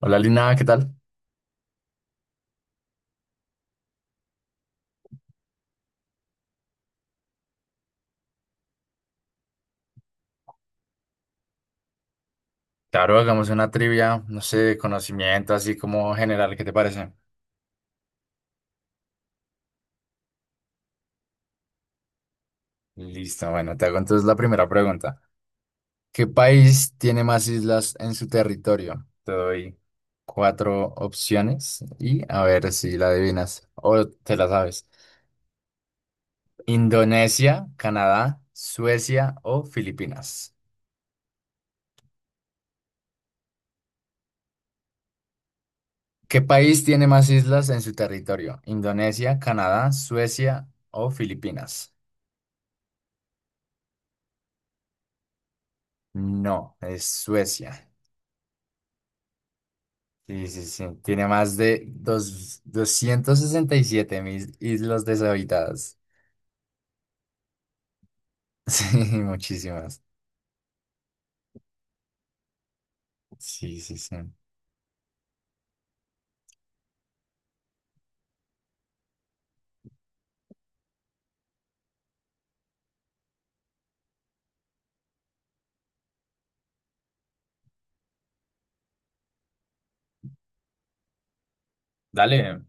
Hola Lina, ¿qué tal? Claro, hagamos una trivia, no sé, de conocimiento, así como general, ¿qué te parece? Listo, bueno, te hago entonces la primera pregunta. ¿Qué país tiene más islas en su territorio? Te doy cuatro opciones y a ver si la adivinas o te la sabes. Indonesia, Canadá, Suecia o Filipinas. ¿Qué país tiene más islas en su territorio? ¿Indonesia, Canadá, Suecia o Filipinas? No, es Suecia. Sí, sí, sí. Tiene más de dos, 267 mil islas deshabitadas. Sí, muchísimas. Sí, sí, sí. Dale,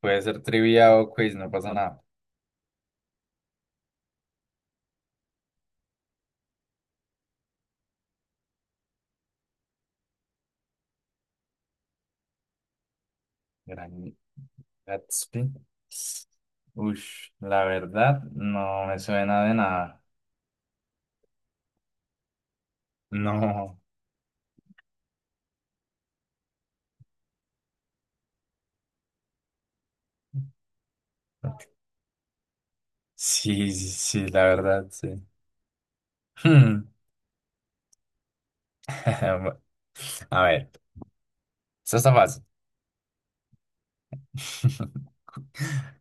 puede ser trivia o quiz, no pasa nada. Gran Gatsby. Ush, la verdad, no me suena de nada. No. Sí, sí, sí, la verdad, sí. Hmm. A ver, eso está fácil.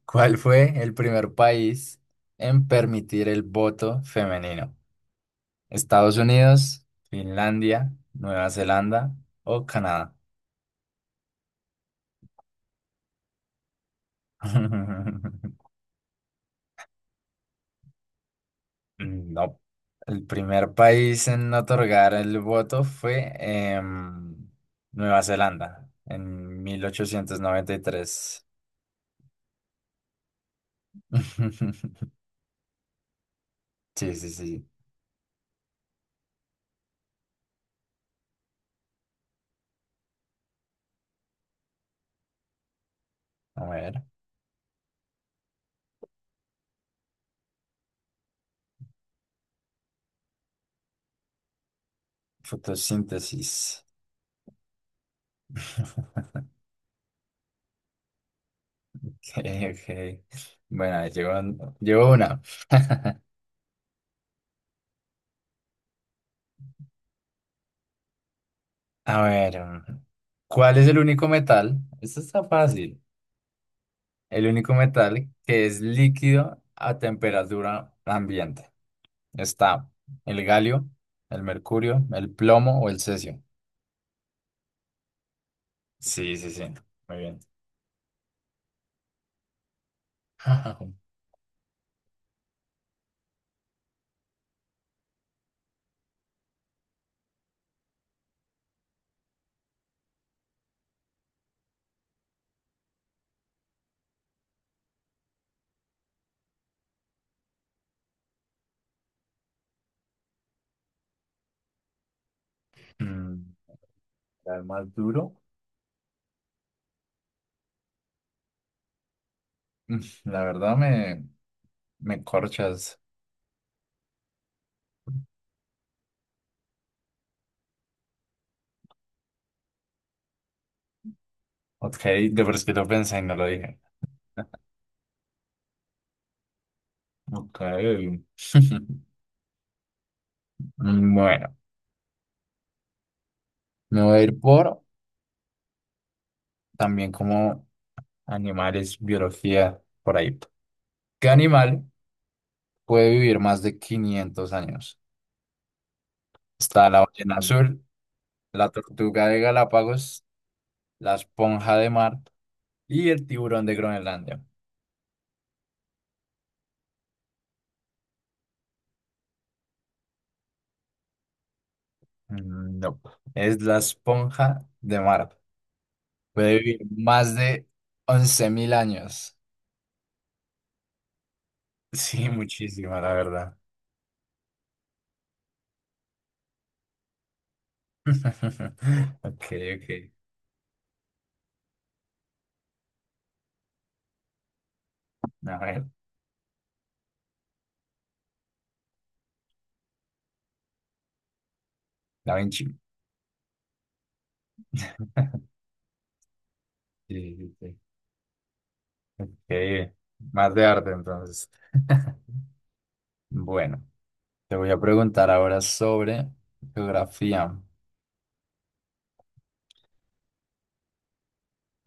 ¿Cuál fue el primer país en permitir el voto femenino? ¿Estados Unidos, Finlandia, Nueva Zelanda o Canadá? No. El primer país en otorgar el voto fue Nueva Zelanda en 1893. Sí, sí, sí. A ver. Fotosíntesis. Ok, ok. Bueno, ahí llegó una. A ver, ¿cuál es el único metal? Esto está fácil. El único metal que es líquido a temperatura ambiente. Está el galio, el mercurio, el plomo o el cesio. Sí, sí, sí. Muy bien. Mm, ¿El más duro? Mm, La verdad me corchas. Ok, de por sí lo pensé y no lo dije. Ok. Bueno, me voy a ir por también como animales, biología, por ahí. ¿Qué animal puede vivir más de 500 años? Está la ballena azul, la tortuga de Galápagos, la esponja de mar y el tiburón de Groenlandia. No, es la esponja de mar. Puede vivir más de 11.000 años. Sí, muchísimo, la verdad. Ok, ok. A ver, Da Vinci. Sí, sí, sí. Ok, más de arte entonces. Bueno. Te voy a preguntar ahora sobre geografía.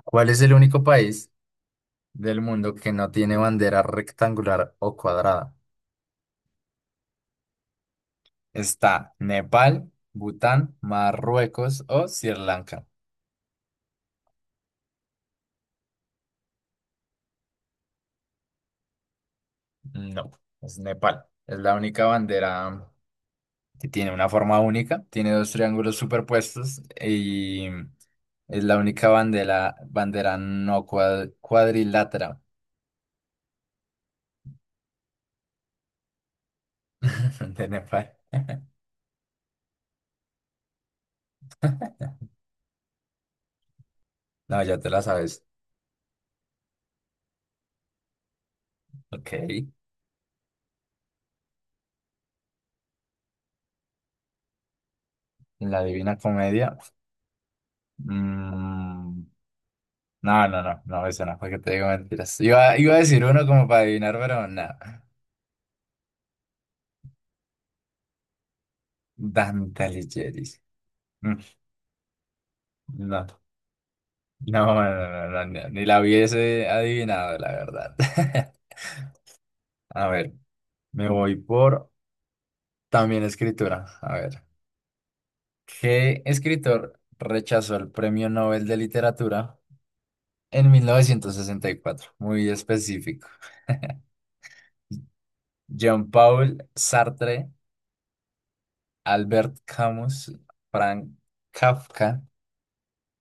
¿Cuál es el único país del mundo que no tiene bandera rectangular o cuadrada? ¿Está Nepal, Bután, Marruecos o Sri Lanka? No, es Nepal. Es la única bandera que tiene una forma única, tiene dos triángulos superpuestos y es la única bandera no cuadrilátera de Nepal. No, ya te la sabes. Ok. La Divina Comedia. Mm, no, no, no, no, eso no, porque te digo mentiras. Iba a decir uno como para adivinar, pero nada. Dante Alighieri. Mm, no, no, no, no, no, no, ni la hubiese adivinado, la verdad. A ver, me voy por también escritura. A ver, ¿qué escritor rechazó el Premio Nobel de Literatura en 1964? Muy específico. Jean-Paul Sartre. Albert Camus, Frank Kafka,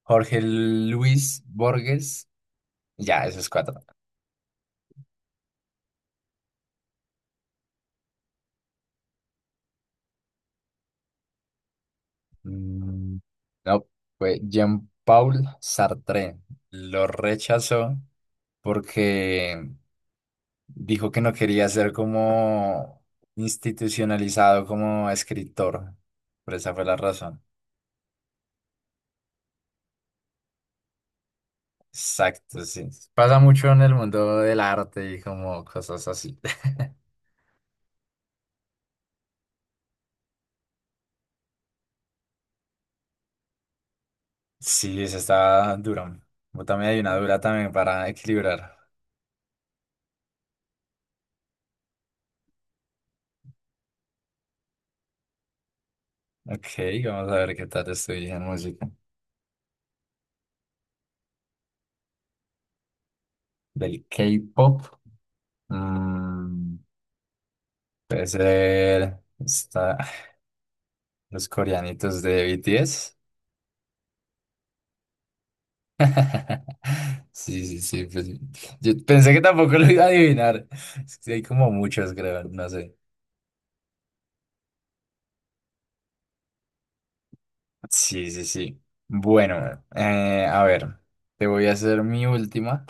Jorge Luis Borges. Ya, esos cuatro. Mm, no, fue Jean-Paul Sartre. Lo rechazó porque dijo que no quería ser como institucionalizado como escritor. Por esa fue la razón. Exacto, sí. Pasa mucho en el mundo del arte y como cosas así. Sí, esa está dura. Yo también hay una dura también para equilibrar. Ok, vamos a ver qué tal estoy en música. Del K-pop. mm, puede ser está, los coreanitos de BTS. Sí, sí, sí. Pues, yo pensé que tampoco lo iba a adivinar. Es que hay como muchos, creo, no sé. Sí, sí, sí. Bueno, a ver, te voy a hacer mi última.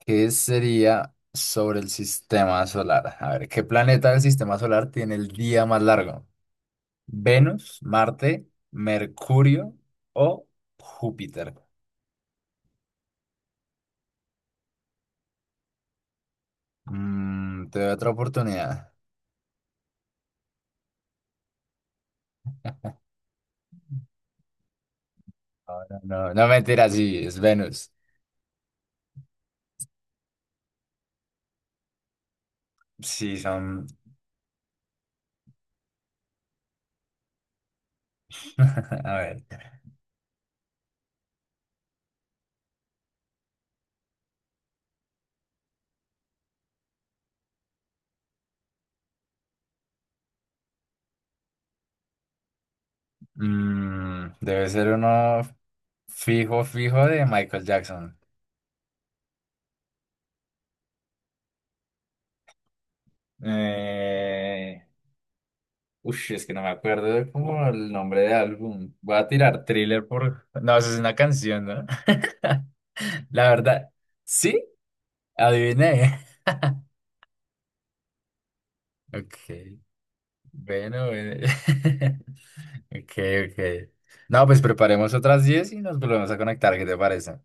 ¿Qué sería sobre el sistema solar? A ver, ¿qué planeta del sistema solar tiene el día más largo? ¿Venus, Marte, Mercurio o Júpiter? Te doy otra oportunidad. No, no, no, mentira, sí, es Venus. Sí, son. A ver. Debe ser uno fijo, fijo de Michael Jackson. Eh, Ush, es que no me acuerdo de como el nombre del álbum. Voy a tirar Thriller por... No, eso es una canción, ¿no? La verdad, sí, adiviné. Ok, bueno, bueno. Ok, ok. No, pues preparemos otras 10 y nos volvemos a conectar, ¿qué te parece?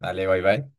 Dale, bye, bye.